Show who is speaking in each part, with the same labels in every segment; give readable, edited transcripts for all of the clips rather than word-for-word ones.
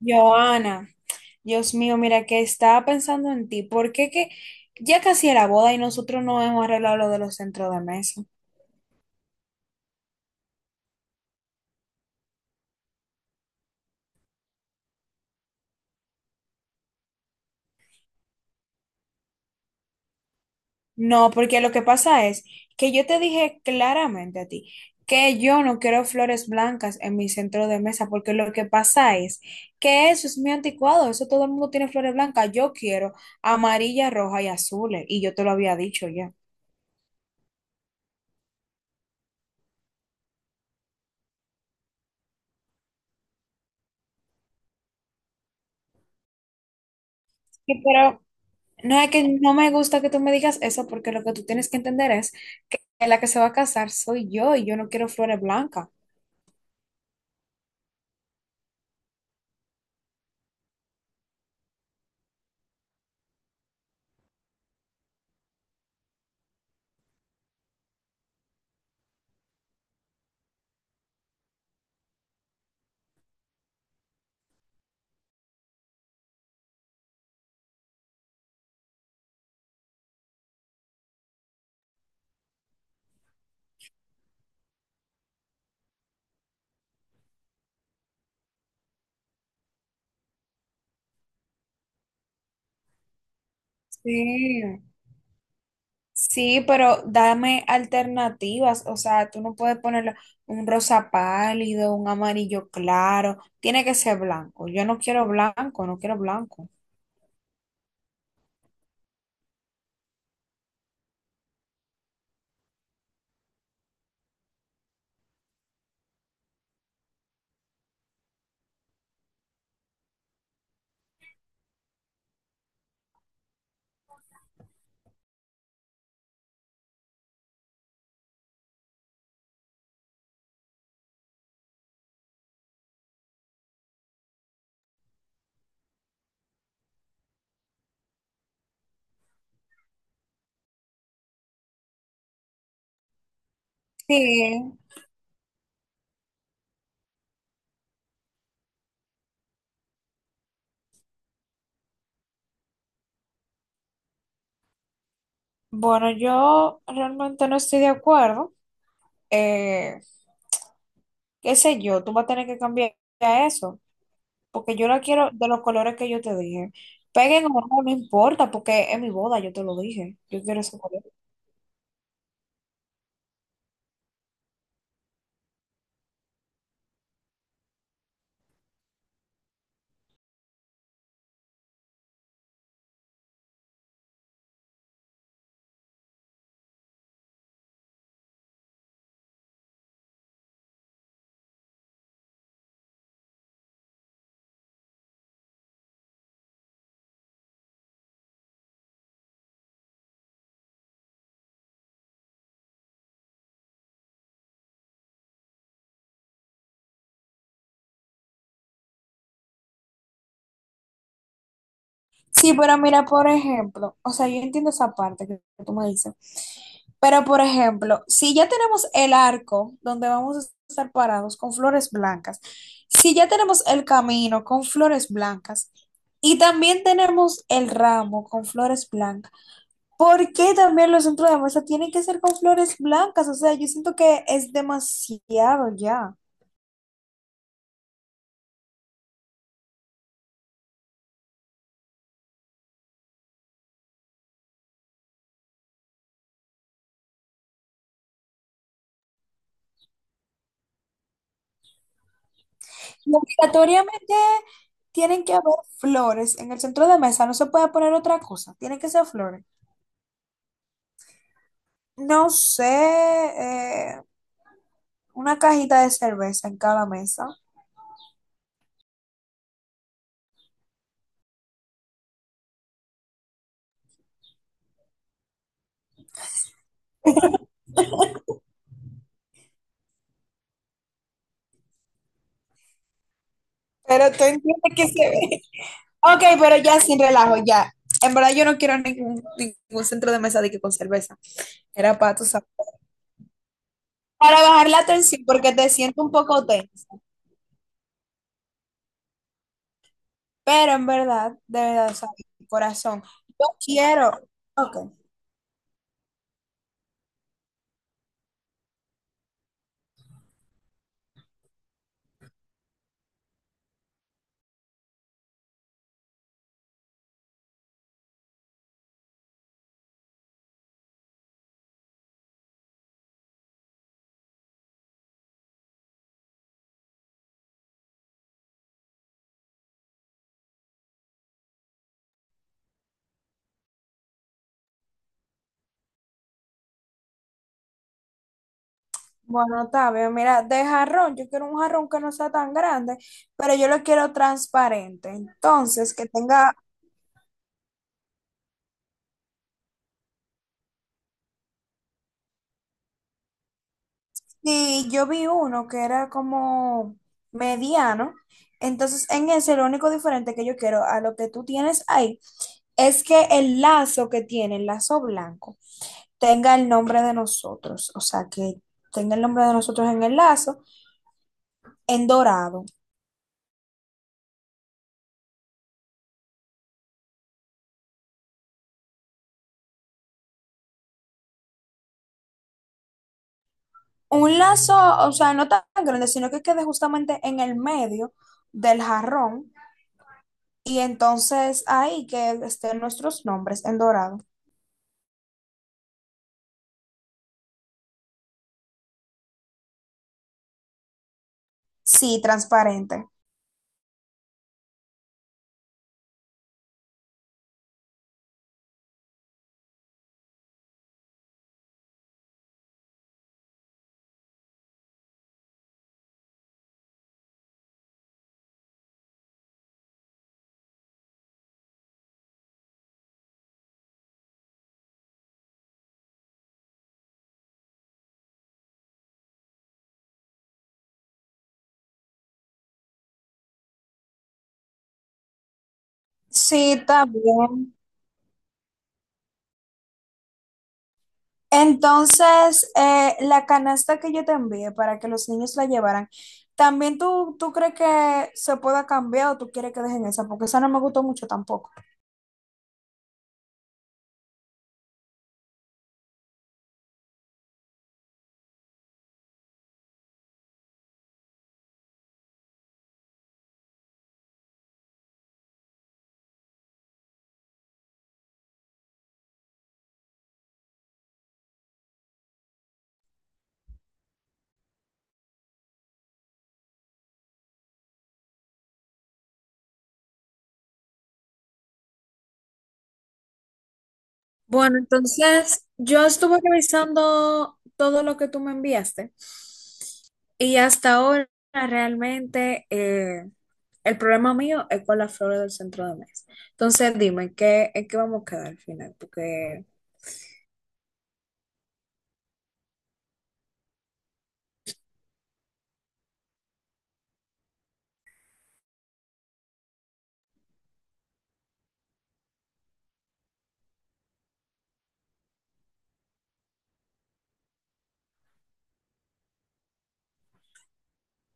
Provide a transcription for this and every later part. Speaker 1: Joana, Dios mío, mira que estaba pensando en ti, porque que ya casi era boda y nosotros no hemos arreglado lo de los centros de mesa. No, porque lo que pasa es que yo te dije claramente a ti que yo no quiero flores blancas en mi centro de mesa, porque lo que pasa es que eso es muy anticuado, eso todo el mundo tiene flores blancas, yo quiero amarilla, roja y azules, y yo te lo había dicho ya. Sí, pero no, es que no me gusta que tú me digas eso porque lo que tú tienes que entender es que la que se va a casar soy yo y yo no quiero flores blancas. Sí, sí, pero dame alternativas, o sea, tú no puedes ponerle un rosa pálido, un amarillo claro, tiene que ser blanco. Yo no quiero blanco, no quiero blanco. Sí, bueno, yo realmente no estoy de acuerdo. Eh, Qué sé yo, tú vas a tener que cambiar eso, porque yo la quiero de los colores que yo te dije. Peguen o no, no importa, porque es mi boda, yo te lo dije. Yo quiero ese color. Sí, pero mira, por ejemplo, o sea, yo entiendo esa parte que tú me dices. Pero, por ejemplo, si ya tenemos el arco donde vamos a estar parados con flores blancas, si ya tenemos el camino con flores blancas y también tenemos el ramo con flores blancas, ¿por qué también los centros de mesa tienen que ser con flores blancas? O sea, yo siento que es demasiado ya. Y obligatoriamente tienen que haber flores en el centro de mesa, no se puede poner otra cosa, tienen que ser flores. No sé, una cajita de cerveza en cada mesa. Pero tú entiendes que se ve. Ok, pero ya sin relajo, ya. En verdad yo no quiero ningún centro de mesa de que con cerveza. Era para, tú sabes. Para bajar la tensión, porque te siento un poco tensa. Pero en verdad, de verdad, o sea, mi corazón, yo quiero. Ok, bueno, está bien. Mira, de jarrón, yo quiero un jarrón que no sea tan grande, pero yo lo quiero transparente. Entonces, que tenga. Y yo vi uno que era como mediano. Entonces, en ese, lo único diferente que yo quiero a lo que tú tienes ahí es que el lazo que tiene, el lazo blanco, tenga el nombre de nosotros, o sea, que tenga el nombre de nosotros en el lazo, en dorado. Un lazo, o sea, no tan grande, sino que quede justamente en el medio del jarrón y entonces ahí que estén nuestros nombres en dorado. Sí, transparente. Sí, también. Entonces, la canasta que yo te envié para que los niños la llevaran, ¿también tú crees que se pueda cambiar o tú quieres que dejen esa? Porque esa no me gustó mucho tampoco. Bueno, entonces yo estuve revisando todo lo que tú me enviaste y hasta ahora realmente, el problema mío es con las flores del centro de mesa. Entonces dime, ¿qué, en qué vamos a quedar al final? Porque,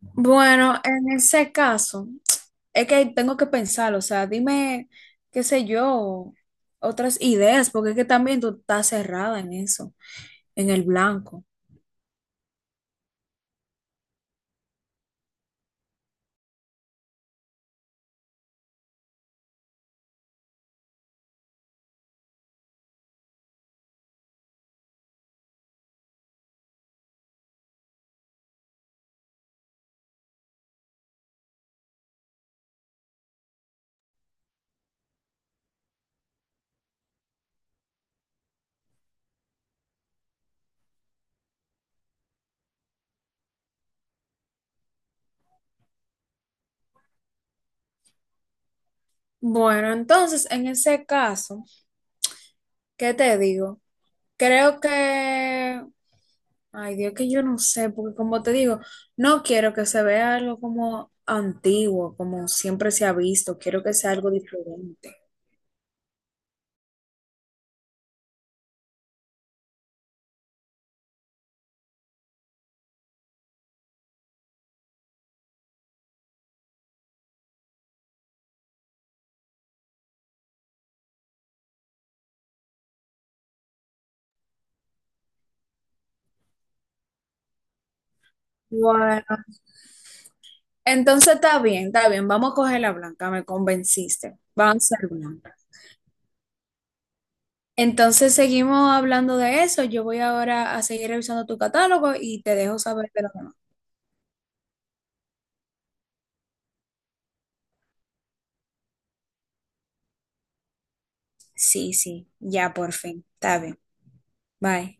Speaker 1: bueno, en ese caso es que tengo que pensar, o sea, dime, qué sé yo, otras ideas, porque es que también tú estás cerrada en eso, en el blanco. Bueno, entonces en ese caso... ¿Qué te digo? Creo que, ay Dios, que yo no sé, porque como te digo, no quiero que se vea algo como antiguo, como siempre se ha visto, quiero que sea algo diferente. Bueno, entonces está bien, vamos a coger la blanca, me convenciste, vamos a ser blanca. Entonces seguimos hablando de eso, yo voy ahora a seguir revisando tu catálogo y te dejo saber de lo demás. Sí, sí, ya por fin, está bien, bye.